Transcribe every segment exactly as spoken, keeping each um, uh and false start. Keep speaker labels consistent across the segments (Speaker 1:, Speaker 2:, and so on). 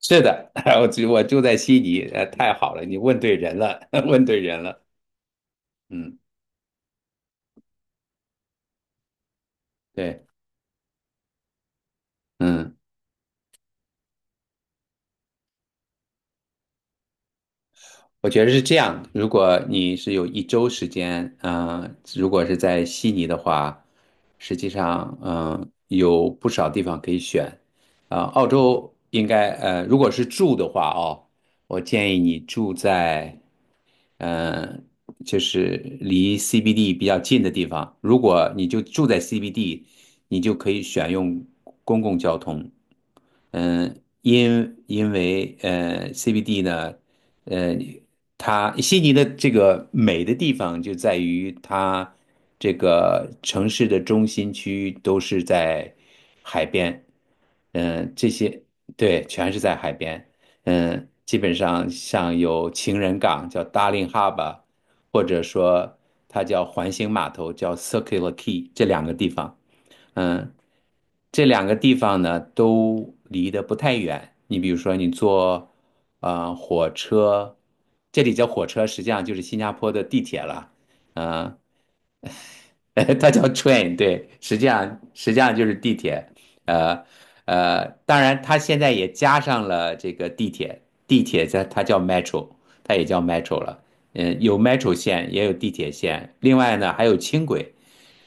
Speaker 1: 是的，我就我住在悉尼，呃，太好了，你问对人了，问对人了。嗯。对。嗯，我觉得是这样。如果你是有一周时间，嗯、如果是在悉尼的话，实际上，嗯、有不少地方可以选。啊、澳洲应该，呃，如果是住的话，哦，我建议你住在。呃，就是离 C B D 比较近的地方。如果你就住在 C B D，你就可以选用公共交通。嗯，因因为呃，C B D 呢，呃，它悉尼的这个美的地方就在于它这个城市的中心区都是在海边，嗯，这些对，全是在海边，嗯，基本上像有情人港叫 Darling h a r b o r， 或者说它叫环形码头叫 Circular Quay 这两个地方。嗯。这两个地方呢都离得不太远。你比如说，你坐呃火车，这里叫火车，实际上就是新加坡的地铁了。呃，它叫 train，对，实际上实际上就是地铁。呃呃，当然它现在也加上了这个地铁，地铁它它叫 metro，它也叫 metro 了。嗯，有 metro 线，也有地铁线，另外呢还有轻轨。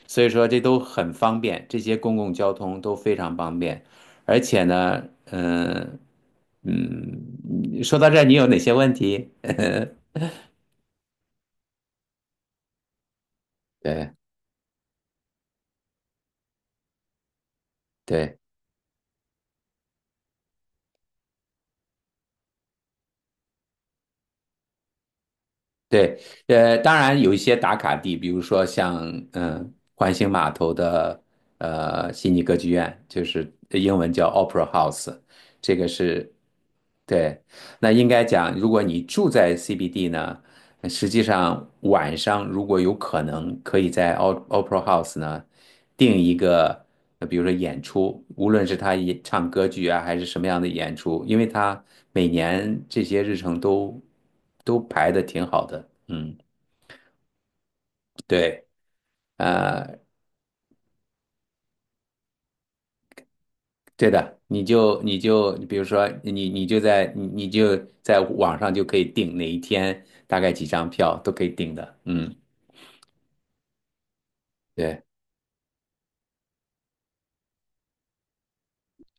Speaker 1: 所以说这都很方便，这些公共交通都非常方便，而且呢，嗯。嗯，说到这儿，你有哪些问题？对对对，呃，当然有一些打卡地，比如说像嗯环形码头的呃悉尼歌剧院，就是英文叫 Opera House，这个是对。那应该讲，如果你住在 C B D 呢？实际上，晚上如果有可能，可以在 O- Opera House 呢定一个，呃比如说演出，无论是他演唱歌剧啊，还是什么样的演出，因为他每年这些日程都都排的挺好的。嗯。对。呃，对的，你就你就比如说你你就在你你就在网上就可以订哪一天，大概几张票都可以订的。嗯。对。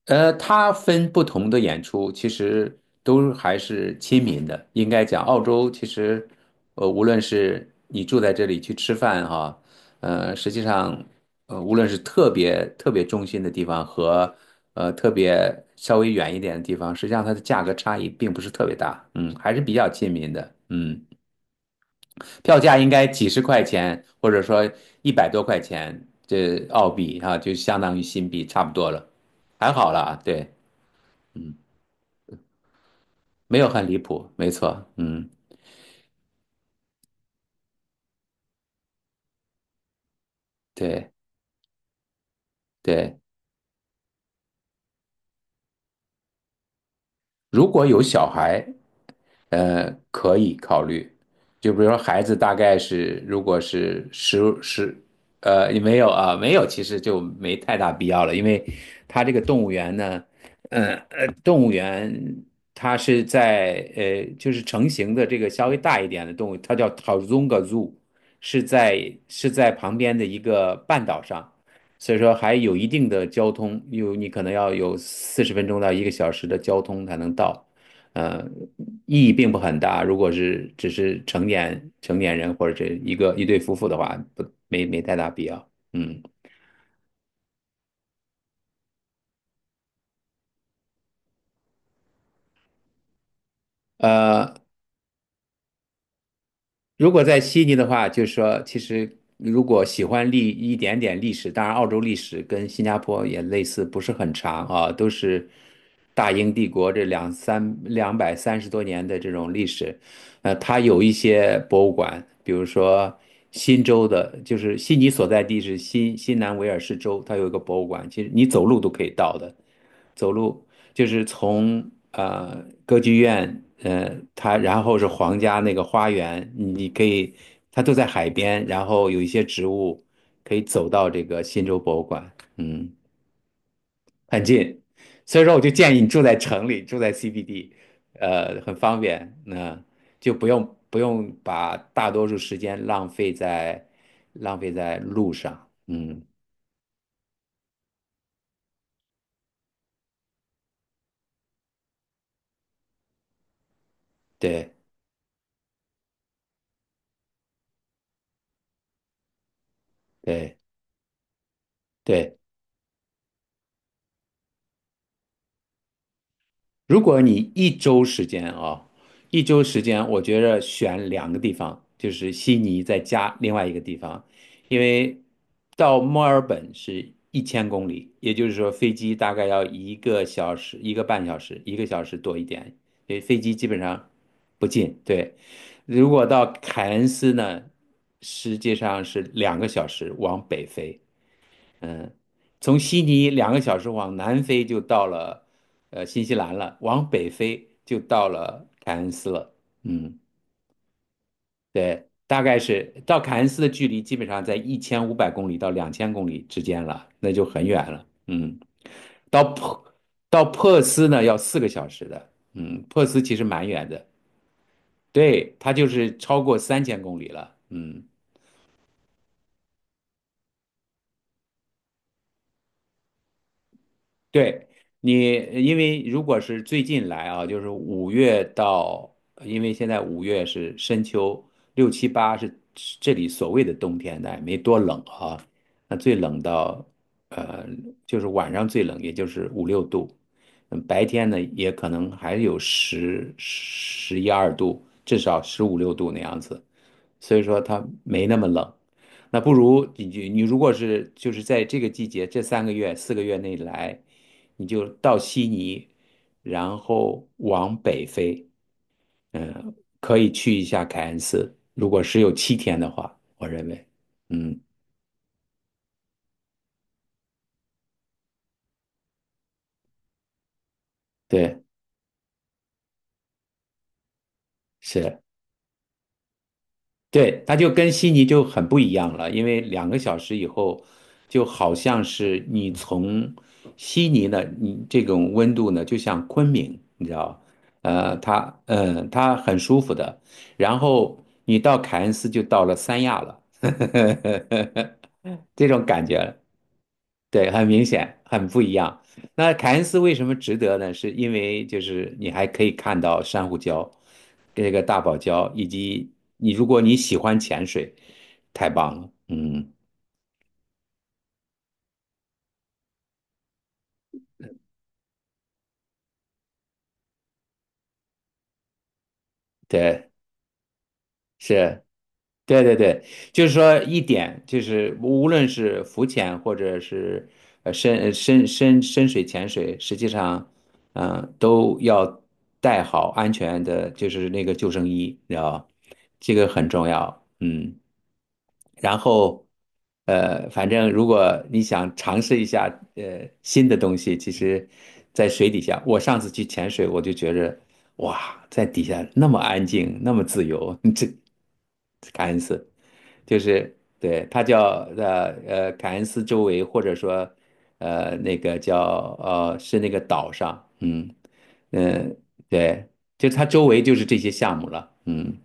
Speaker 1: 呃，它分不同的演出，其实都还是亲民的。应该讲，澳洲其实，呃，无论是你住在这里去吃饭哈，呃，实际上，呃，无论是特别特别中心的地方和呃特别稍微远一点的地方，实际上它的价格差异并不是特别大，嗯，还是比较亲民的，嗯，票价应该几十块钱，或者说一百多块钱，这澳币哈，就相当于新币差不多了，还好啦，对。嗯。没有很离谱，没错，嗯，对对。如果有小孩，呃，可以考虑。就比如说孩子大概是，如果是十十，呃，也没有啊，没有，其实就没太大必要了，因为他这个动物园呢，嗯呃，动物园它是在呃，就是成型的这个稍微大一点的动物，它叫 Tarzunga Zoo，是在是在旁边的一个半岛上。所以说还有一定的交通，有你可能要有四十分钟到一个小时的交通才能到。呃，意义并不很大。如果是只是成年成年人或者是一个一对夫妇的话，不没没太大必要。嗯。呃，如果在悉尼的话，就是说，其实如果喜欢历一点点历史，当然澳洲历史跟新加坡也类似，不是很长啊，都是大英帝国这两三两百三十多年的这种历史。呃，它有一些博物馆，比如说新州的，就是悉尼所在地是新新南威尔士州，它有一个博物馆，其实你走路都可以到的。走路，就是从呃歌剧院，呃，它然后是皇家那个花园，你可以，它都在海边，然后有一些植物可以走到这个新州博物馆，嗯，很近，所以说我就建议你住在城里，住在 C B D，呃，很方便，那、就不用不用把大多数时间浪费在浪费在路上，嗯，对对。对，如果你一周时间啊、一周时间，我觉着选两个地方，就是悉尼再加另外一个地方，因为到墨尔本是一千公里，也就是说飞机大概要一个小时、一个半小时、一个小时多一点，因为飞机基本上不近。对。如果到凯恩斯呢，实际上是两个小时往北飞。从悉尼两个小时往南飞就到了呃新西兰了，往北飞就到了凯恩斯了。嗯。对，大概是到凯恩斯的距离基本上在一千五百公里到两千公里之间了，那就很远了。嗯。到珀到珀斯呢要四个小时的。嗯，珀斯其实蛮远的，对，它就是超过三千公里了。嗯。对你，因为如果是最近来啊，就是五月到，因为现在五月是深秋，六七八是是这里所谓的冬天，那也没多冷啊。那最冷到，呃，就是晚上最冷，也就是五六度，嗯，白天呢也可能还有十十一二度，至少十五六度那样子。所以说它没那么冷。那不如你你你如果是就是在这个季节这三个月四个月内来，你就到悉尼，然后往北飞，嗯，可以去一下凯恩斯。如果是有七天的话，我认为，嗯。对。是。对，它就跟悉尼就很不一样了，因为两个小时以后，就好像是你从悉尼呢，你这种温度呢，就像昆明，你知道，呃，它，呃，它很舒服的。然后你到凯恩斯就到了三亚了，这种感觉，对，很明显，很不一样。那凯恩斯为什么值得呢？是因为就是你还可以看到珊瑚礁，这个大堡礁，以及你如果你喜欢潜水，太棒了。嗯。对。是。对对对，就是说一点就是无论是浮潜或者是呃深呃深深深水潜水，实际上，嗯、都要带好安全的，就是那个救生衣，你知道吧，这个很重要。嗯。然后，呃，反正如果你想尝试一下呃新的东西，其实，在水底下，我上次去潜水，我就觉着，哇，在底下那么安静，那么自由，这凯恩斯，就是对，它叫呃呃凯恩斯周围，或者说呃那个叫呃是那个岛上，嗯嗯、呃对，就它周围就是这些项目了，嗯。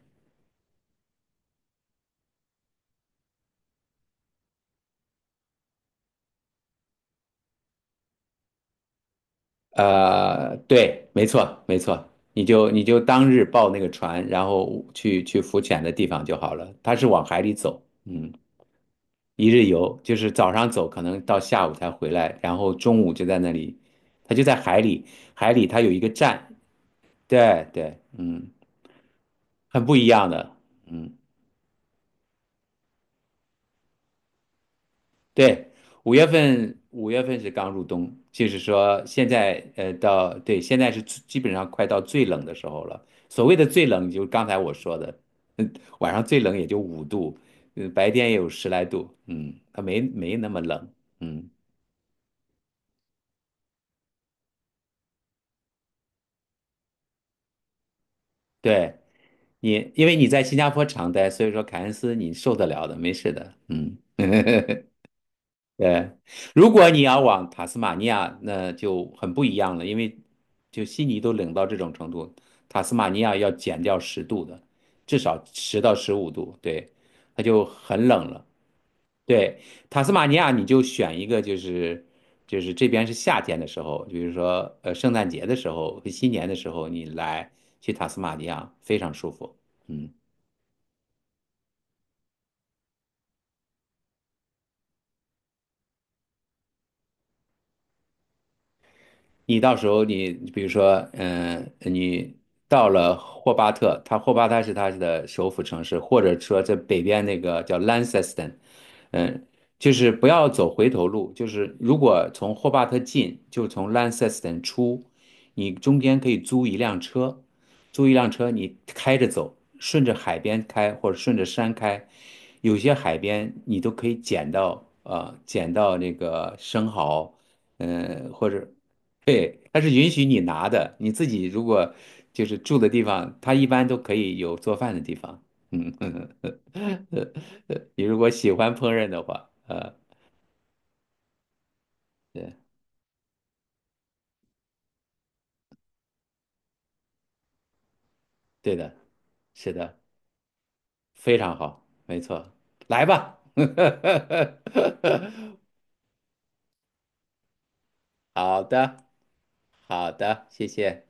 Speaker 1: 呃，对，没错，没错，你就你就当日报那个船，然后去去浮潜的地方就好了。它是往海里走，嗯，一日游，就是早上走，可能到下午才回来，然后中午就在那里，它就在海里，海里它有一个站，对对，嗯，很不一样的，嗯。对，五月份五月份是刚入冬，就是说现在呃到对，现在是最基本上快到最冷的时候了。所谓的最冷，就刚才我说的，嗯，晚上最冷也就五度，嗯，白天也有十来度，嗯，它没没那么冷，嗯，对你，因为你在新加坡常待，所以说凯恩斯你受得了的，没事的，嗯。对，如果你要往塔斯马尼亚，那就很不一样了，因为就悉尼都冷到这种程度，塔斯马尼亚要减掉十度的，至少十到十五度，对，它就很冷了。对，塔斯马尼亚你就选一个，就是就是这边是夏天的时候，比如说呃圣诞节的时候和新年的时候，你来去塔斯马尼亚非常舒服。嗯。你到时候你比如说，嗯，你到了霍巴特，他霍巴特是他的首府城市，或者说在北边那个叫 Launceston，嗯，就是不要走回头路，就是如果从霍巴特进，就从 Launceston 出，你中间可以租一辆车，租一辆车你开着走，顺着海边开或者顺着山开，有些海边你都可以捡到，呃，捡到那个生蚝。嗯，呃或者对，它是允许你拿的，你自己如果就是住的地方，它一般都可以有做饭的地方。嗯。呃呃你如果喜欢烹饪的话，呃，对。对的。是的，非常好，没错，来吧。好的，好的，谢谢。